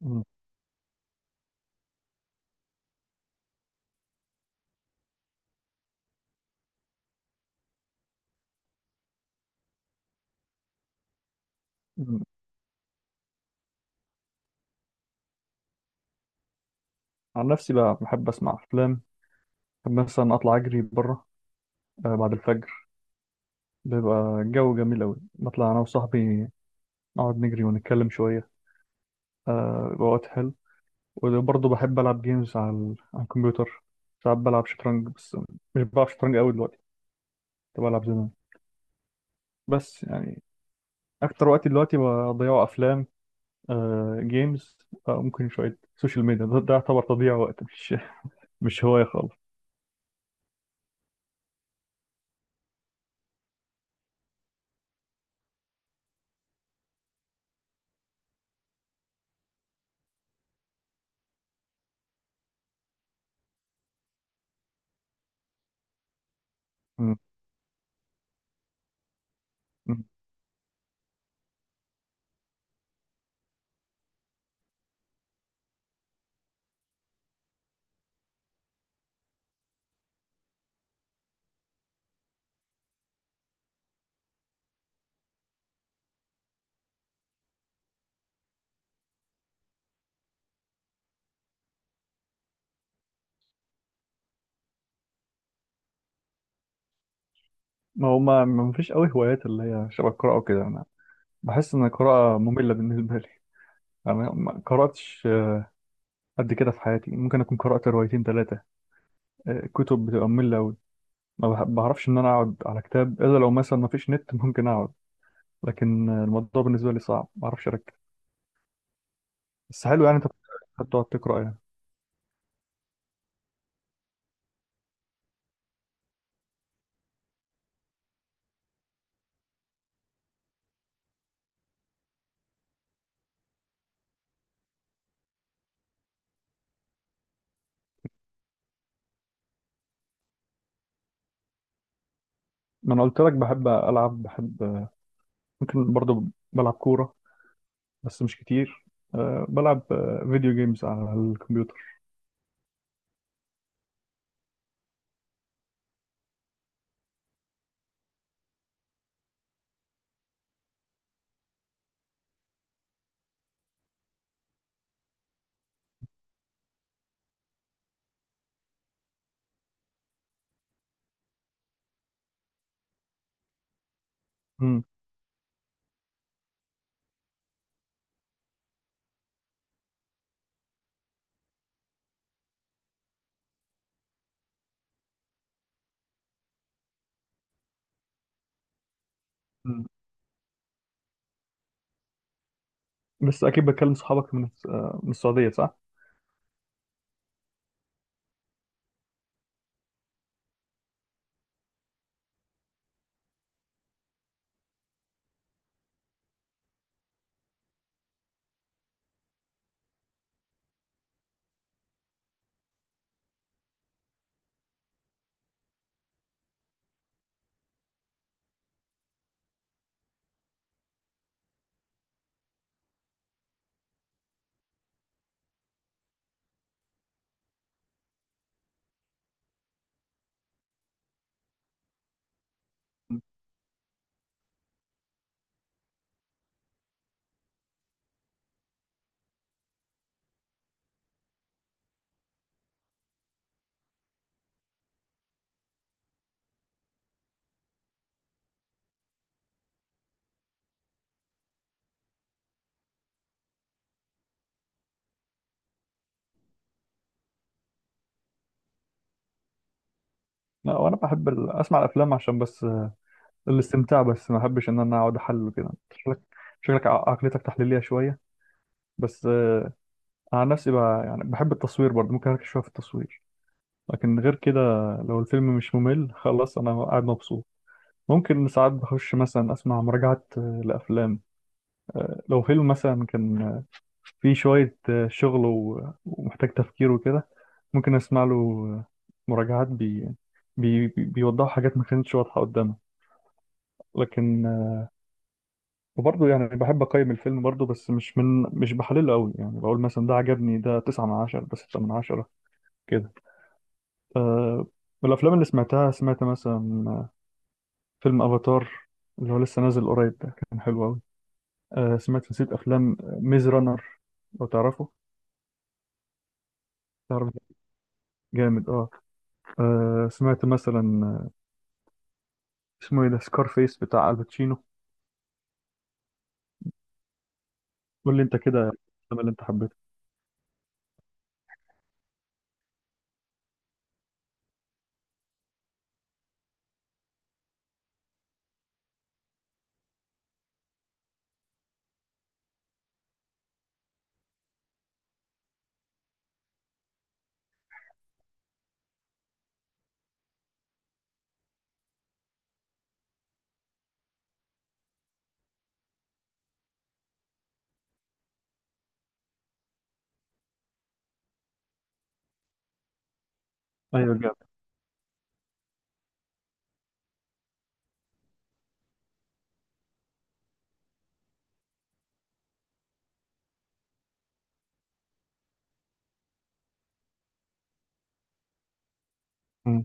مم. مم. عن نفسي بقى بحب اسمع افلام. بحب مثلا اطلع اجري بره، آه، بعد الفجر. بيبقى الجو جميل قوي، بطلع انا وصاحبي نقعد نجري ونتكلم شويه. آه، بيبقى وقت حلو. وبرضه بحب العب جيمز على على الكمبيوتر. ساعات بلعب شطرنج بس، مش بلعب شطرنج قوي دلوقتي، كنت بلعب زمان بس يعني اكتر وقت دلوقتي بضيعه افلام. آه، جيمز. آه، ممكن شويه سوشيال ميديا، ده يعتبر تضييع وقت، مش مش هوايه خالص. مم. ما هو ما فيش قوي هوايات اللي هي شبه القراءة وكده. أنا بحس إن القراءة مملة بالنسبة لي، أنا ما قرأتش قد كده في حياتي، ممكن أكون قرأت روايتين ثلاثة كتب، بتبقى مملة أوي. ما بعرفش إن أنا أقعد على كتاب إلا لو مثلا ما فيش نت ممكن أقعد، لكن الموضوع بالنسبة لي صعب، ما أعرفش أركز. بس حلو، يعني أنت بتقعد تقرأ يعني؟ ما أنا قلت لك بحب ألعب، بحب ممكن برضه بلعب كورة، بس مش كتير. أه، بلعب أه، فيديو جيمز على الكمبيوتر. مم. بس اكيد بتكلم صحابك من آه، من السعوديه، صح؟ لا، وانا بحب اسمع الافلام عشان بس، آه، الاستمتاع، بس ما بحبش ان انا اقعد احلل كده. شكلك شكلك عقليتك تحليليه شويه. بس آه، عن نفسي بقى يعني بحب التصوير برضه، ممكن اركز شويه في التصوير. لكن غير كده، لو الفيلم مش ممل خلاص انا قاعد مبسوط. ممكن ساعات بخش مثلا اسمع مراجعات، آه، لافلام. آه، لو فيلم مثلا كان في شوية، آه، شغل ومحتاج تفكير وكده، ممكن أسمع له، آه، مراجعات بيوضحوا حاجات ما كانتش واضحة قدامه. لكن آه، وبرضه يعني بحب أقيم الفيلم برضه، بس مش بحلله أوي، يعني بقول مثلا ده عجبني، ده 9/10، ده 6/10 كده. آه، والأفلام اللي سمعتها، سمعت مثلا آه، فيلم أفاتار اللي هو لسه نازل قريب ده، كان حلو أوي. آه، سمعت نسيت أفلام ميز رانر، لو تعرفه؟ تعرف، جامد اه. آه، سمعت مثلا آه، اسمه ايه ده، سكار فيس بتاع الباتشينو، قول لي انت كده الفيلم اللي انت حبيته. ايوه جامد. مم.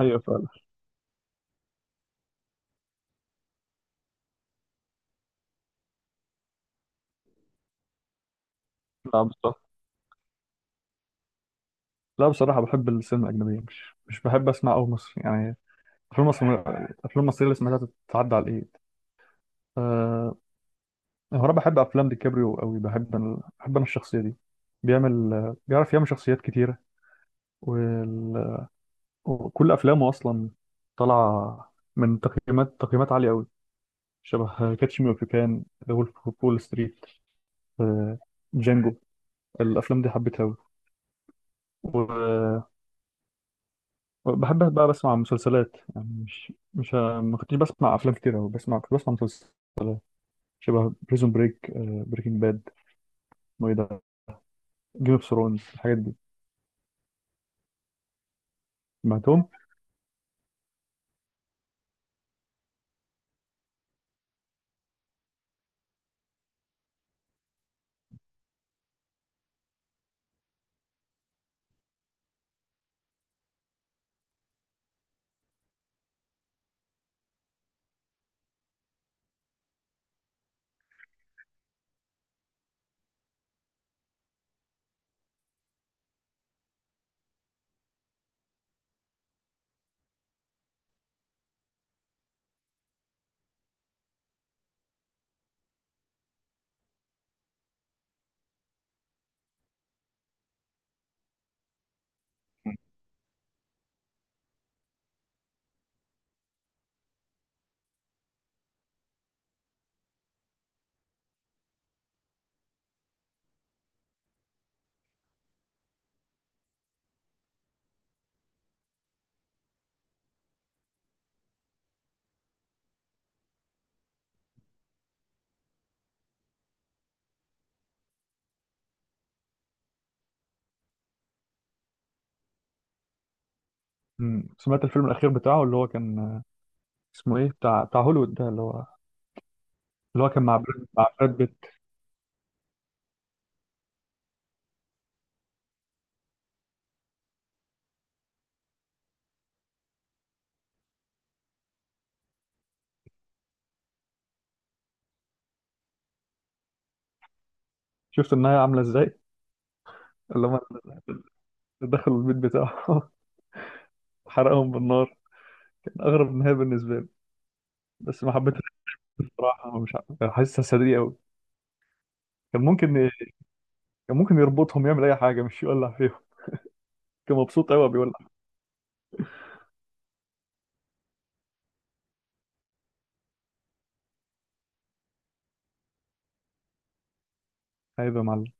ايوه فعلا. لا بصراحه، لا بصراحه بحب السينما الاجنبيه، مش بحب اسمع قوي مصري يعني. افلام مصر، الافلام المصريه اللي سمعتها تتعدى على الايد. أه، هو انا بحب افلام دي كابريو قوي، بحب أنا، بحب انا الشخصيه دي، بيعمل بيعرف يعمل شخصيات كتيره. وال... وكل افلامه اصلا طالعه من تقييمات، تقييمات عاليه قوي. شبه كاتش مي اوف كان، ذا وولف اوف وول ستريت، جانجو. الافلام دي حبيتها قوي. وبحب بقى بسمع مسلسلات، يعني مش مش ما كنتش بسمع افلام كتير قوي، كنت بسمع مسلسلات شبه بريزون بريك، بريكنج باد، اسمه ايه ده، جيم اوف ثرونز، الحاجات دي سمعتهم. مم. سمعت الفيلم الاخير بتاعه اللي هو كان آه، اسمه ايه، بتاع هوليوود ده، اللي هو كان مع براد بيت. شفت النهايه عامله ازاي؟ اللي هم دخلوا البيت بتاعه حرقهم بالنار. كان اغرب نهايه بالنسبه لي، بس ما حبيتهاش بصراحه، مش حاسسها سريع قوي. كان ممكن كان ممكن يربطهم يعمل اي حاجه، مش يولع فيهم، كان مبسوط قوي بيولع. عيب يا معلم.